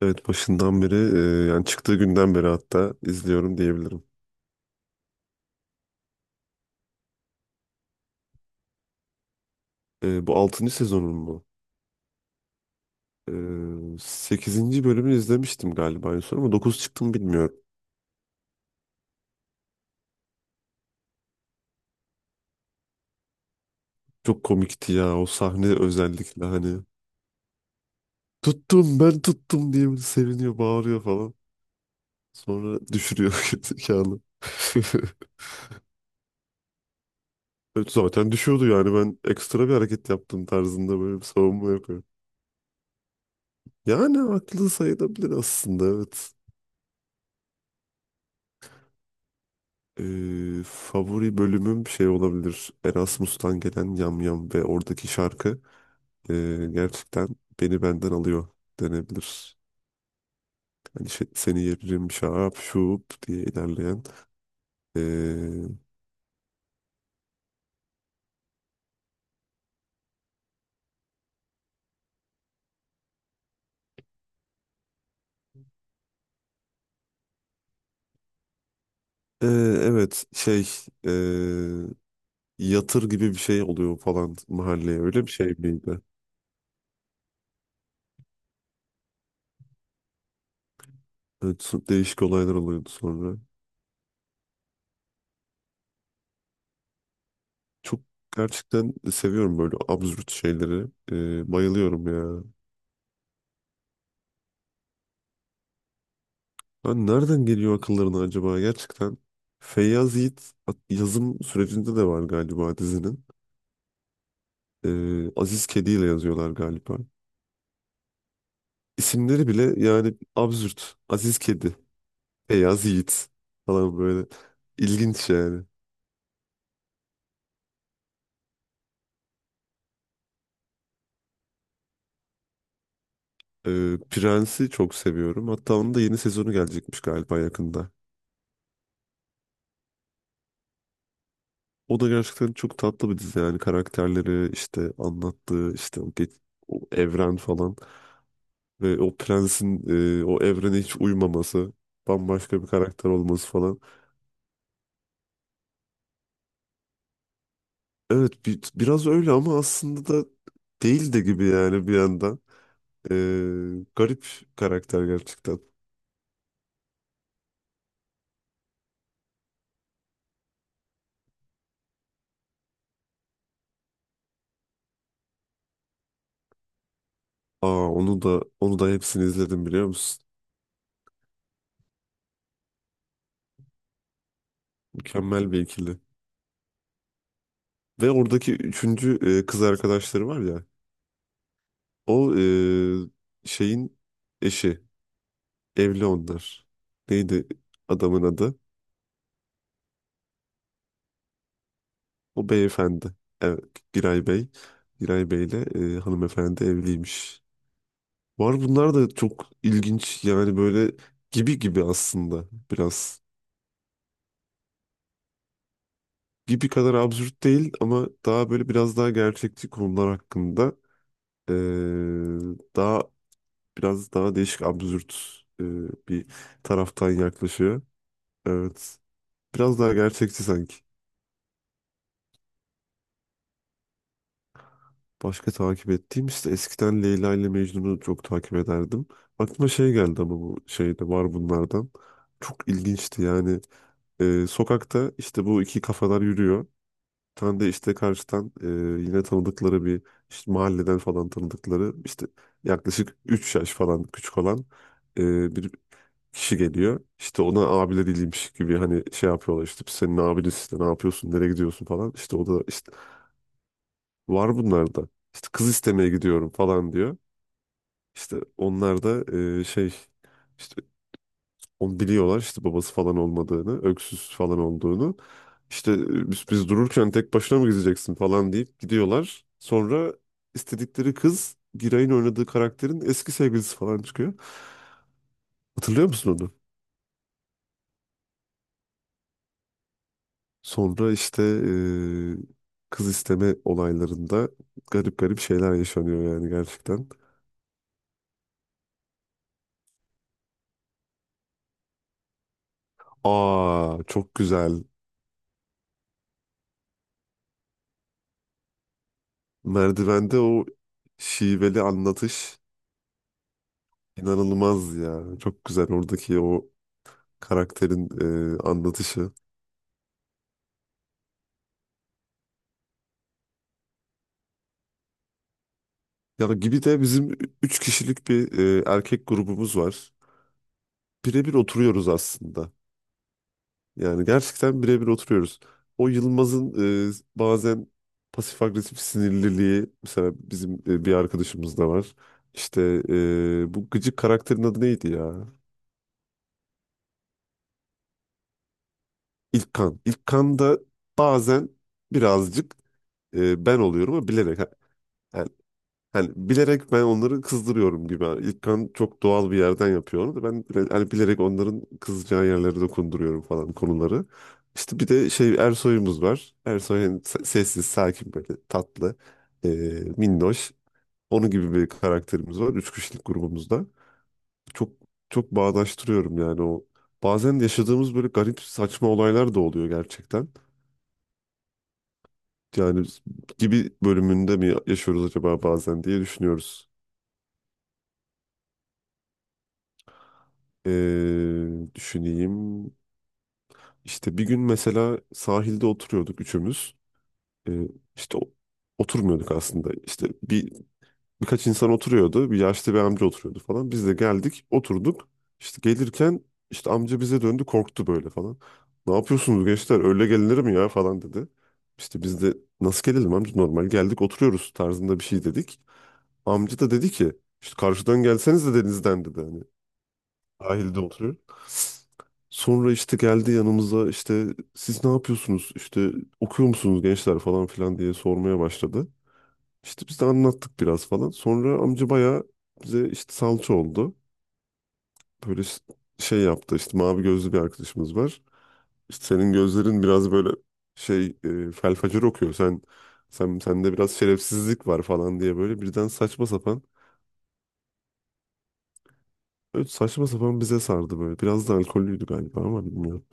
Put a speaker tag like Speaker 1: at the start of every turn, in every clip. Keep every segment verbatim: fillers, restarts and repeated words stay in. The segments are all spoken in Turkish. Speaker 1: Evet, başından beri e, yani çıktığı günden beri hatta izliyorum diyebilirim. E, bu altıncı sezonun mu? E, sekizinci bölümünü izlemiştim galiba en son ama dokuz çıktım bilmiyorum. Çok komikti ya o sahne özellikle hani tuttum ben tuttum diye böyle seviniyor bağırıyor falan. Sonra düşürüyor zekalı. Evet, zaten düşüyordu yani ben ekstra bir hareket yaptım tarzında böyle bir savunma yapıyor. Yani haklı sayılabilir aslında, evet. Ee, favori bölümüm şey olabilir. Erasmus'tan gelen Yam Yam ve oradaki şarkı ee, gerçekten beni benden alıyor denebilir. Hani şey- seni yerim şap şup diye ilerleyen. Ee, ee, evet, şey, ee, yatır gibi bir şey oluyor falan mahalleye, öyle bir şey miydi? Evet, so- değişik olaylar oluyordu sonra. Çok gerçekten seviyorum böyle absürt şeyleri. Ee, bayılıyorum ya. Ben nereden geliyor akıllarına acaba gerçekten? Feyyaz Yiğit at- yazım sürecinde de var galiba dizinin. Ee, Aziz Kedi ile yazıyorlar galiba. İsimleri bile yani absürt. Aziz Kedi, Feyyaz Yiğit falan böyle. İlginç yani. Ee, Prens'i çok seviyorum. Hatta onun da yeni sezonu gelecekmiş galiba yakında. O da gerçekten çok tatlı bir dizi yani karakterleri işte anlattığı işte o, ge- o evren falan. Ve o prensin e, o evrene hiç uymaması, bambaşka bir karakter olması falan. Evet, bi- biraz öyle ama aslında da değil de gibi yani bir yandan. E, Garip karakter gerçekten. Aa, onu da onu da hepsini izledim biliyor musun? Mükemmel bir ikili. Ve oradaki üçüncü, e, kız arkadaşları var ya. O e, şeyin eşi. Evli onlar. Neydi adamın adı? O beyefendi. Evet, Giray Bey. Giray Bey ile e, hanımefendi evliymiş. Var bunlar da çok ilginç yani böyle gibi gibi aslında biraz. Gibi kadar absürt değil ama daha böyle biraz daha gerçekçi konular hakkında e, daha biraz daha değişik absürt e, bir taraftan yaklaşıyor. Evet. Biraz daha gerçekçi sanki. Başka takip ettiğim, işte eskiden Leyla ile Mecnun'u çok takip ederdim. Aklıma şey geldi ama bu şeyde, var bunlardan. Çok ilginçti yani. Ee, sokakta işte bu iki kafalar yürüyor. Bir tane de işte karşıdan e, yine tanıdıkları bir, işte mahalleden falan tanıdıkları işte yaklaşık üç yaş falan küçük olan e, bir kişi geliyor. İşte ona abileriymiş gibi hani şey yapıyorlar, işte "Biz senin abiniz, işte ne yapıyorsun, nereye gidiyorsun falan." İşte o da işte var bunlarda. İşte kız istemeye gidiyorum falan diyor. İşte onlar da e, şey, işte onu biliyorlar, işte babası falan olmadığını, öksüz falan olduğunu. İşte e, biz, biz dururken tek başına mı gideceksin falan deyip gidiyorlar. Sonra istedikleri kız, Giray'ın oynadığı karakterin eski sevgilisi falan çıkıyor. Hatırlıyor musun onu? Sonra işte e, kız isteme olaylarında garip garip şeyler yaşanıyor yani gerçekten. Aa, çok güzel. Merdivende o şiveli anlatış. İnanılmaz ya. Çok güzel oradaki o karakterin e, anlatışı. Ya, gibi de bizim üç kişilik bir e, erkek grubumuz var. Birebir oturuyoruz aslında. Yani gerçekten birebir oturuyoruz. O Yılmaz'ın e, bazen pasif agresif sinirliliği mesela bizim e, bir arkadaşımız da var. İşte e, bu gıcık karakterin adı neydi ya? İlkan. İlkan da bazen birazcık e, ben oluyorum ama bilerek. Ha, hani bilerek ben onları kızdırıyorum gibi. Yani İlkan çok doğal bir yerden yapıyor onu da ben bile- hani bilerek onların kızacağı yerlere dokunduruyorum falan konuları. İşte bir de şey Ersoy'umuz var. Ersoy hani se- sessiz, sakin böyle tatlı, e, minnoş. Onun gibi bir karakterimiz var. Üç kişilik grubumuzda. Çok çok bağdaştırıyorum yani o. Bazen yaşadığımız böyle garip saçma olaylar da oluyor gerçekten. Yani gibi bölümünde mi yaşıyoruz acaba bazen diye düşünüyoruz. Ee, Düşüneyim. İşte bir gün mesela sahilde oturuyorduk üçümüz. Ee, işte o- oturmuyorduk aslında. İşte bir birkaç insan oturuyordu. Bir yaşlı bir amca oturuyordu falan. Biz de geldik, oturduk. İşte gelirken işte amca bize döndü, korktu böyle falan. Ne yapıyorsunuz gençler? Öyle gelinir mi ya falan dedi. İşte biz de, nasıl gelelim amca, normal geldik oturuyoruz tarzında bir şey dedik. Amca da dedi ki, işte karşıdan gelseniz de denizden dedi, hani. Sahilde oturuyor. Sonra işte geldi yanımıza, işte siz ne yapıyorsunuz, işte okuyor musunuz gençler falan filan diye sormaya başladı. İşte biz de anlattık biraz falan. Sonra amca bayağı bize işte salça oldu. Böyle ş- şey yaptı, işte mavi gözlü bir arkadaşımız var. İşte senin gözlerin biraz böyle şey e, felfacer okuyor. Sen sen sende biraz şerefsizlik var falan diye böyle birden saçma sapan, öyle saçma sapan bize sardı böyle. Biraz da alkollüydü galiba ama bilmiyorum.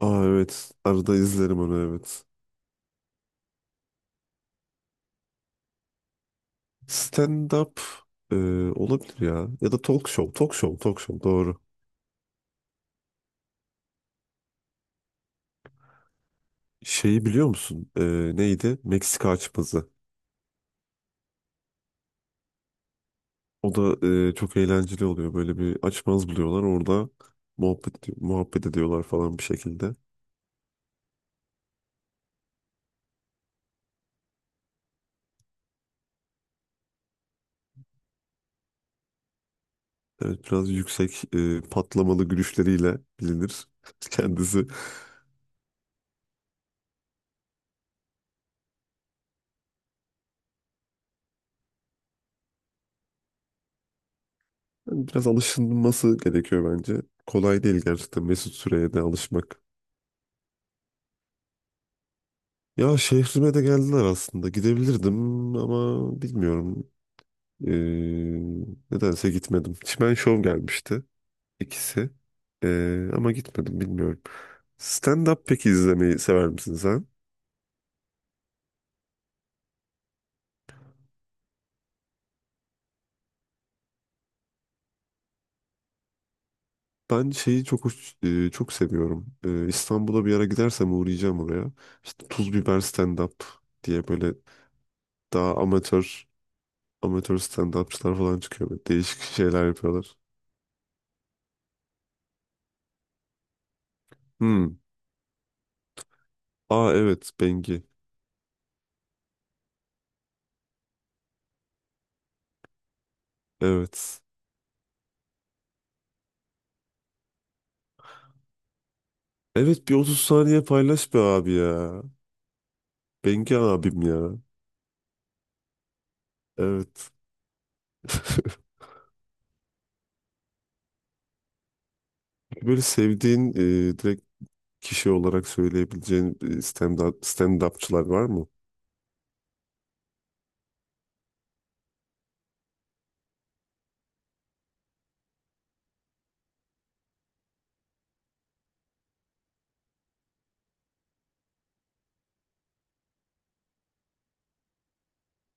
Speaker 1: Aa, evet. Arada izlerim onu, evet. Stand-up e, olabilir ya. Ya da talk show. Talk show. Talk show. Doğru. Şeyi biliyor musun? E, neydi? Meksika açması. O da e, çok eğlenceli oluyor. Böyle bir açmaz buluyorlar. Orada muhabbet, muhabbet ediyorlar falan bir şekilde. Evet, biraz yüksek, e, patlamalı gülüşleriyle bilinir kendisi. Yani biraz alışılması gerekiyor bence. Kolay değil gerçekten Mesut Süre'ye de alışmak. Ya, şehrime de geldiler aslında. Gidebilirdim ama bilmiyorum. Ee, Nedense gitmedim. Çimen Show gelmişti ikisi. Ee, ama gitmedim, bilmiyorum. Stand-up peki izlemeyi sever misin sen? Ben şeyi çok hoş- e, çok seviyorum. Ee, İstanbul'a bir ara gidersem uğrayacağım oraya. İşte Tuz Biber Stand-up diye böyle daha amatör amatör stand-upçılar falan çıkıyor. Böyle değişik şeyler yapıyorlar. Hmm. Aa, evet, Bengi. Evet. Evet, bir otuz saniye paylaş be abi ya. Bengi abim ya. Evet. Böyle sevdiğin e, direkt kişi olarak söyleyebileceğin e, stand up, stand-upçılar var mı?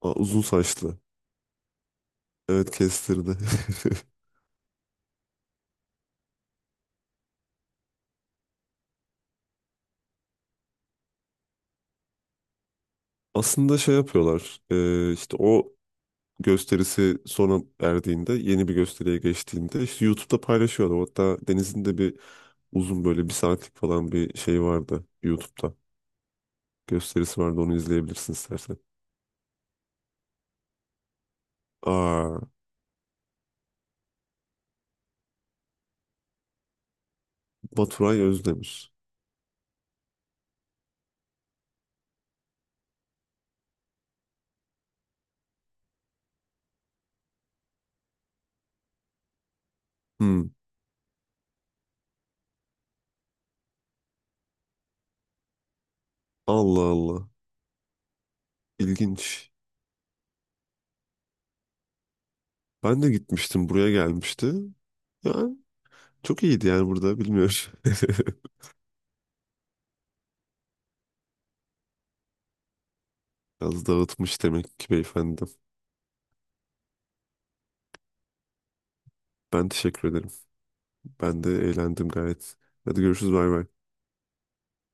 Speaker 1: Aa, uzun saçlı. Evet, kestirdi. Aslında şey yapıyorlar. e, işte o gösterisi sona erdiğinde, yeni bir gösteriye geçtiğinde işte YouTube'da paylaşıyorlar. Hatta Deniz'in de bir uzun böyle bir saatlik falan bir şey vardı YouTube'da. Gösterisi vardı, onu izleyebilirsin istersen. Aa. Baturay Özdemir. Hmm. Allah Allah. İlginç. Ben de gitmiştim. Buraya gelmişti. Yani çok iyiydi yani burada. Bilmiyorum. Biraz dağıtmış demek ki beyefendi. Ben teşekkür ederim. Ben de eğlendim gayet. Hadi görüşürüz. Bay bay.